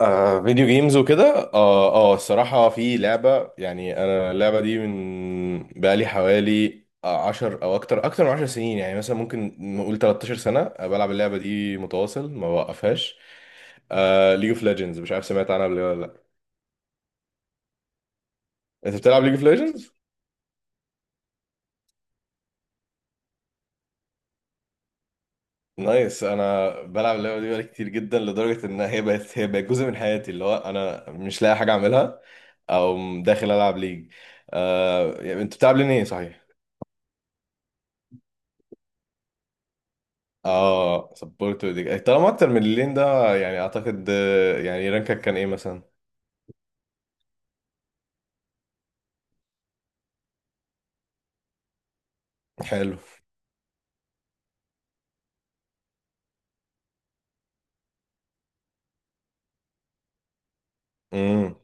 آه، فيديو جيمز وكده، الصراحة في لعبة، يعني انا اللعبة دي من بقالي حوالي عشر او اكتر من 10 سنين، يعني مثلا ممكن نقول 13 سنة بلعب اللعبة دي متواصل ما بوقفهاش. ليج اوف ليجندز، مش عارف سمعت عنها قبل كده ولا لا؟ انت بتلعب ليج اوف ليجندز؟ نايس. انا بلعب اللعبة دي بقالي كتير جدا، لدرجة ان هي بقت جزء من حياتي، اللي هو انا مش لاقي حاجة اعملها او داخل العب ليج. يعني انت بتلعب لين ايه، صحيح؟ اه، سبورت دي طالما اكتر من اللين ده، يعني اعتقد، يعني رانكك كان ايه مثلا؟ حلو. امم.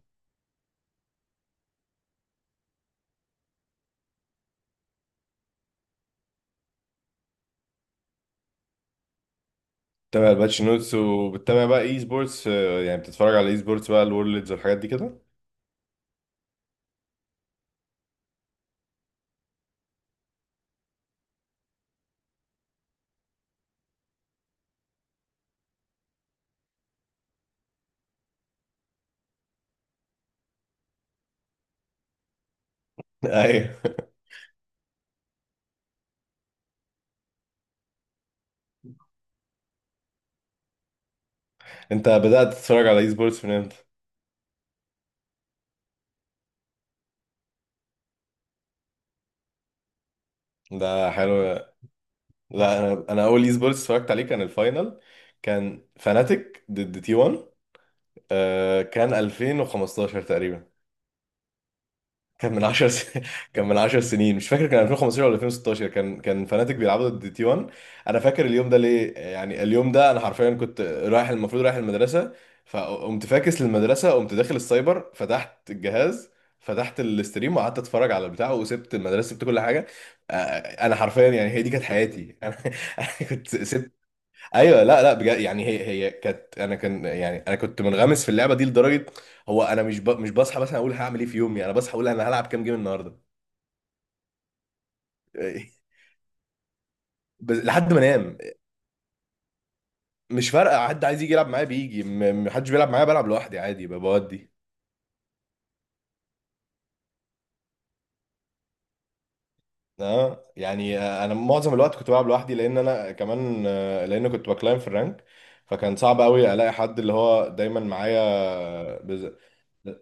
بتتابع الباتشينوتس، وبتتابع بقى اي سبورتس، يعني بتتفرج على اي سبورتس بقى، الورلدز والحاجات دي كده؟ ايوه. انت بدأت تتفرج على اي سبورتس من امتى؟ ده حلو. لا، انا اول اي سبورتس اتفرجت عليه كان الفاينل. كان فاناتيك ضد تي 1. كان 2015 تقريبا. كان من 10 سنين. كان من 10 سنين، مش فاكر كان 2015 ولا 2016. كان فناتيك بيلعبوا ضد تي 1. انا فاكر اليوم ده ليه، يعني اليوم ده انا حرفيا كنت رايح، المفروض رايح المدرسه. فقمت فاكس للمدرسه، قمت داخل السايبر، فتحت الجهاز، فتحت الاستريم، وقعدت اتفرج على البتاع، وسبت المدرسه، سبت كل حاجه. آه، انا حرفيا، يعني هي دي كانت حياتي. انا كنت سبت. ايوه، لا، لا، بجد، يعني هي كانت، انا كان يعني انا كنت منغمس في اللعبه دي لدرجه. هو انا مش بصحى مثلا اقول هعمل ايه في يومي، انا بصحى اقول انا هلعب كام جيم النهارده. بس لحد ما انام. مش فارقه، حد عايز يجي يلعب معايا بيجي، حدش بيلعب معايا بلعب لوحدي عادي، بودي. اه، يعني انا معظم الوقت كنت بلعب لوحدي، لان انا كمان، لان كنت بكلايم في الرانك. فكان صعب قوي الاقي حد اللي هو دايما معايا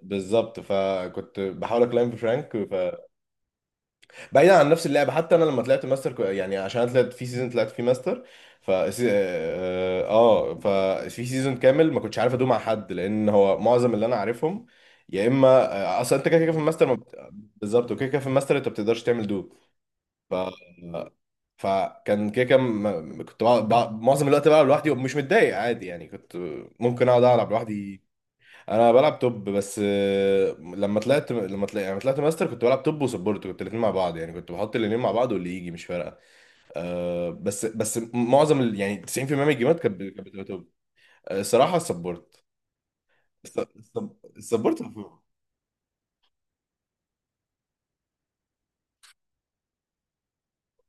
بالظبط. فكنت بحاول اكلايم في فرانك. بعيدا عن نفس اللعبه، حتى انا لما طلعت ماستر، يعني عشان أنا طلعت في سيزون طلعت فيه ماستر. ف اه آه، ففي سيزون كامل ما كنتش عارف ادوم مع حد، لان هو معظم اللي انا عارفهم يا اما، اصلا انت كده كده في الماستر ما بت... بالظبط. وكده كده في الماستر انت ما بتقدرش تعمل دو. ف فكان كده كده، كنت معظم الوقت بقى لوحدي، ومش متضايق عادي، يعني كنت ممكن اقعد العب لوحدي. انا بلعب توب بس، لما طلعت ماستر كنت بلعب توب وسبورت، كنت الاثنين مع بعض، يعني كنت بحط الاثنين مع بعض واللي يجي مش فارقه. بس معظم يعني 90% من الجيمات كانت كانت بتبقى توب. الصراحه السبورت. السبورت.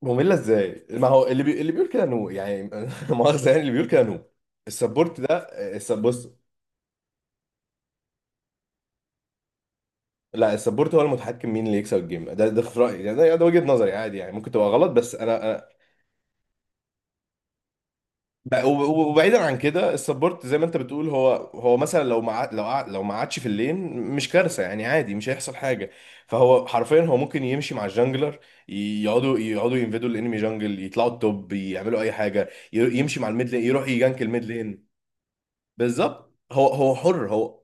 ممله ازاي؟ ما هو اللي اللي بيقول كده نو، يعني لا مؤاخذه، يعني اللي بيقول كده نو. السبورت ده، بص. لا، السبورت هو المتحكم مين اللي يكسب الجيم، ده في رايي، يعني ده وجهه نظري، عادي يعني ممكن تبقى غلط، بس انا وبعيدا عن كده، السبورت زي ما انت بتقول، هو مثلا لو ما عادش في اللين مش كارثه، يعني عادي مش هيحصل حاجه. فهو حرفيا، هو ممكن يمشي مع الجانجلر، يقعدوا ينفدوا الانمي جانجل، يطلعوا التوب، يعملوا اي حاجه، يمشي مع الميد لين، يروح يجانك الميد لين. بالظبط، هو حر هو.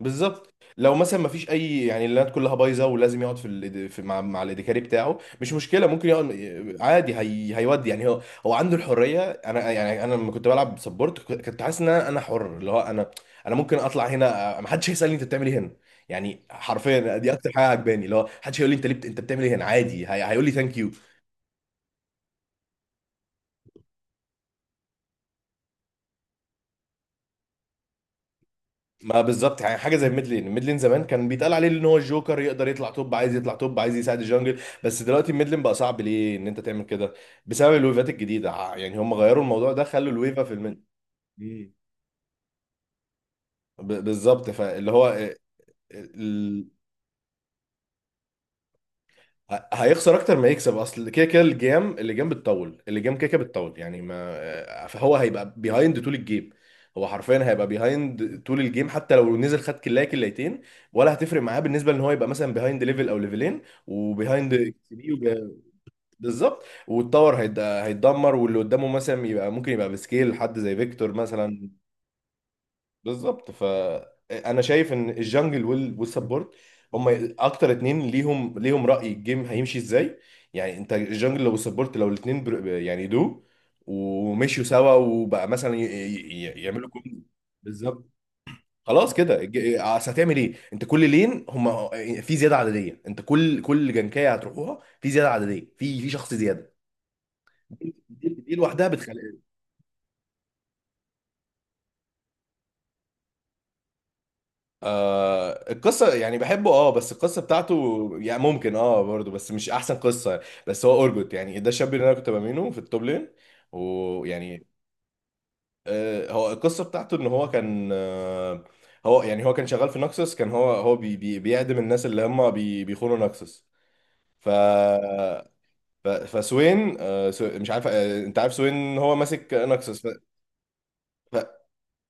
بالظبط، لو مثلا ما فيش اي، يعني اللينات كلها بايظه، ولازم يقعد في، في مع، الادكاري بتاعه، مش مشكله ممكن يقعد. عادي، هيودي، يعني هو عنده الحريه. انا يعني انا لما كنت بلعب سبورت، كنت حاسس ان انا حر، اللي هو انا، انا ممكن اطلع هنا ما حدش هيسالني انت بتعمل ايه هنا. يعني حرفيا دي اكتر حاجه عجباني، اللي هو محدش هيقول لي انت ليه انت بتعمل ايه هنا. عادي هيقول لي ثانك يو. ما بالظبط، يعني حاجه زي ميدلين زمان كان بيتقال عليه ان هو الجوكر، يقدر يطلع توب عايز يطلع توب، عايز يساعد الجنجل، بس دلوقتي ميدلين بقى صعب ليه ان انت تعمل كده. بسبب الويفات الجديده، يعني هم غيروا الموضوع ده، خلوا الويفه في الميدل. مم. بالظبط. فاللي هو هيخسر اكتر ما يكسب، اصل كده كده الجيم، اللجام بتطول، اللجام كده كده بتطول يعني ما. فهو هيبقى بيهايند طول الجيم. هو حرفيا هيبقى بيهايند طول الجيم، حتى لو نزل خد كلايه كلايتين، ولا هتفرق معاه بالنسبه ان هو يبقى مثلا بيهايند ليفل او ليفلين، وبيهايند اكس بي بالظبط، والتاور هيتدمر، واللي قدامه مثلا يبقى ممكن يبقى بسكيل حد زي فيكتور مثلا. بالظبط. انا شايف ان الجنجل والسبورت، هم اكتر اتنين ليهم رأي الجيم هيمشي ازاي. يعني انت الجنجل لو السبورت لو الاتنين يعني دو، ومشيوا سوا، وبقى مثلا يعملوا كوم. بالظبط. خلاص كده اصل هتعمل ايه، انت كل لين هم في زياده عدديه، انت كل جنكايه هتروحوها في زياده عدديه، في شخص زياده. دي لوحدها. آه، القصة، يعني بحبه، بس القصة بتاعته يعني ممكن، برضه، بس مش أحسن قصة. بس هو أورجوت، يعني ده الشاب اللي أنا كنت بامينه في التوب لين. ويعني، هو القصة بتاعته إن هو كان هو يعني هو كان شغال في نكسس، كان هو بي بي بيعدم الناس اللي هم بيخونوا نكسس. ف فسوين، مش عارف، انت عارف سوين؟ هو ماسك نكسس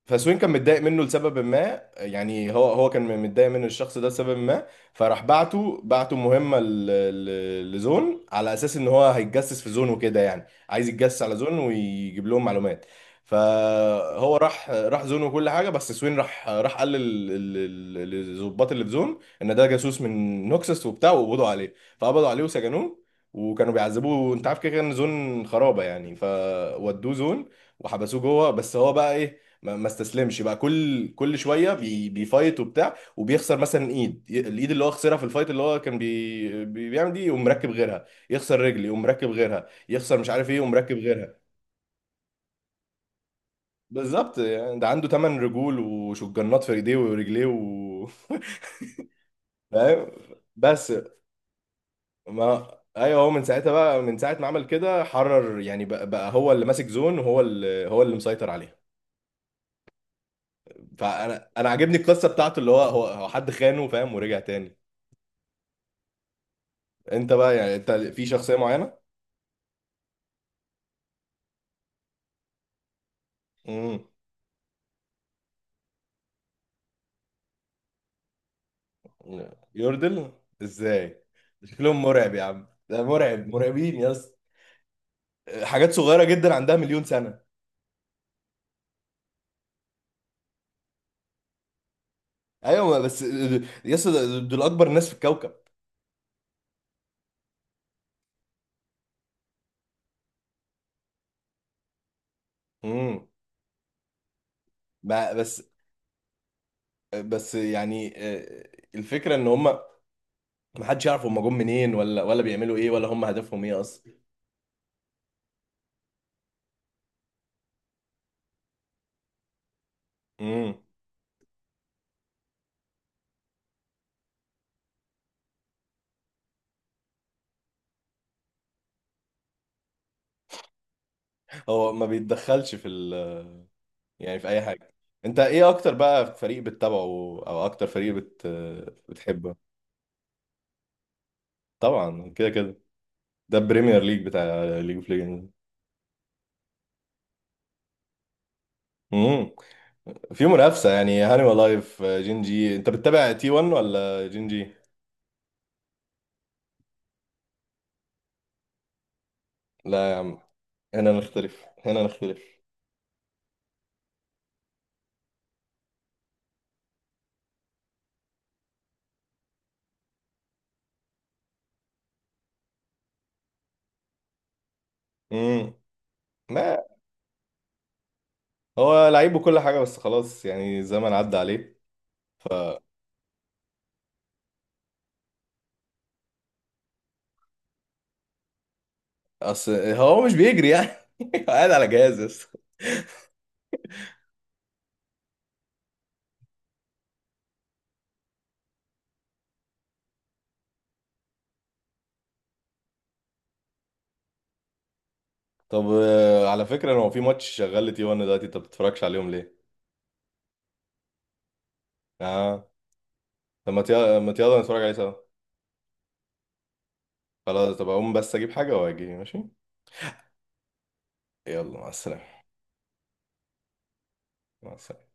فسوين كان متضايق منه لسبب ما، يعني هو كان متضايق من الشخص ده لسبب ما. فراح بعته مهمة لزون، على أساس إن هو هيتجسس في زون وكده، يعني عايز يتجسس على زون ويجيب لهم معلومات. فهو راح زون وكل حاجة، بس سوين راح قال للظباط اللي في زون، إن ده جاسوس من نوكسس وبتاع، وقبضوا عليه، فقبضوا عليه وسجنوه. وكانوا بيعذبوه، انت عارف كده كده ان زون خرابه، يعني فودوه زون، وحبسوه جوه. بس هو بقى ايه؟ ما استسلمش بقى، كل شويه بيفايت وبتاع، وبيخسر مثلا ايد، الايد اللي هو خسرها في الفايت اللي هو كان بيعمل دي، يقوم مركب غيرها. يخسر رجل يقوم مركب غيرها، يخسر مش عارف ايه يقوم مركب غيرها. بالظبط، يعني ده عنده 8 رجول وشجنات في ايديه ورجليه فاهم. بس، ما ايوه، هو من ساعتها، بقى من ساعه ما عمل كده حرر، يعني بقى هو اللي ماسك زون، وهو اللي مسيطر عليها. فانا عاجبني القصه بتاعته، اللي هو حد خانه، فاهم، ورجع تاني. انت بقى، يعني انت في شخصية معينة؟ امم. يوردل. ازاي؟ شكلهم مرعب يا عم، ده مرعب، مرعبين يا اسطى. حاجات صغيرة جدا عندها 1,000,000 سنة. ايوه، بس، يا اسطى دول اكبر ناس في الكوكب. امم. بس بس يعني، الفكرة ان هم ما حدش يعرف هم جم منين، ولا بيعملوا ايه، ولا هم هدفهم ايه اصلا. امم. هو ما بيتدخلش في ال، يعني في اي حاجة. انت ايه اكتر بقى فريق بتتابعه، او اكتر فريق بتحبه؟ طبعا كده كده، ده البريمير ليج بتاع ليج اوف ليجندز. امم. في منافسه يعني هانيمال لايف جين جي، انت بتتابع تي 1 ولا جين جي؟ لا يا عم، هنا نختلف، هنا نختلف. امم. ما هو لعيب وكل حاجه، بس خلاص يعني الزمن عدى عليه. اصل هو مش بيجري يعني. قاعد على جهاز بس. طب، على فكره هو في ماتش شغال لتي 1 دلوقتي، انت ما بتتفرجش عليهم ليه؟ اه. طب ما يلا نتفرج عليه سوا. خلاص، طب اقوم بس اجيب حاجه واجي، ماشي. يلا، مع السلامه. مع السلامه.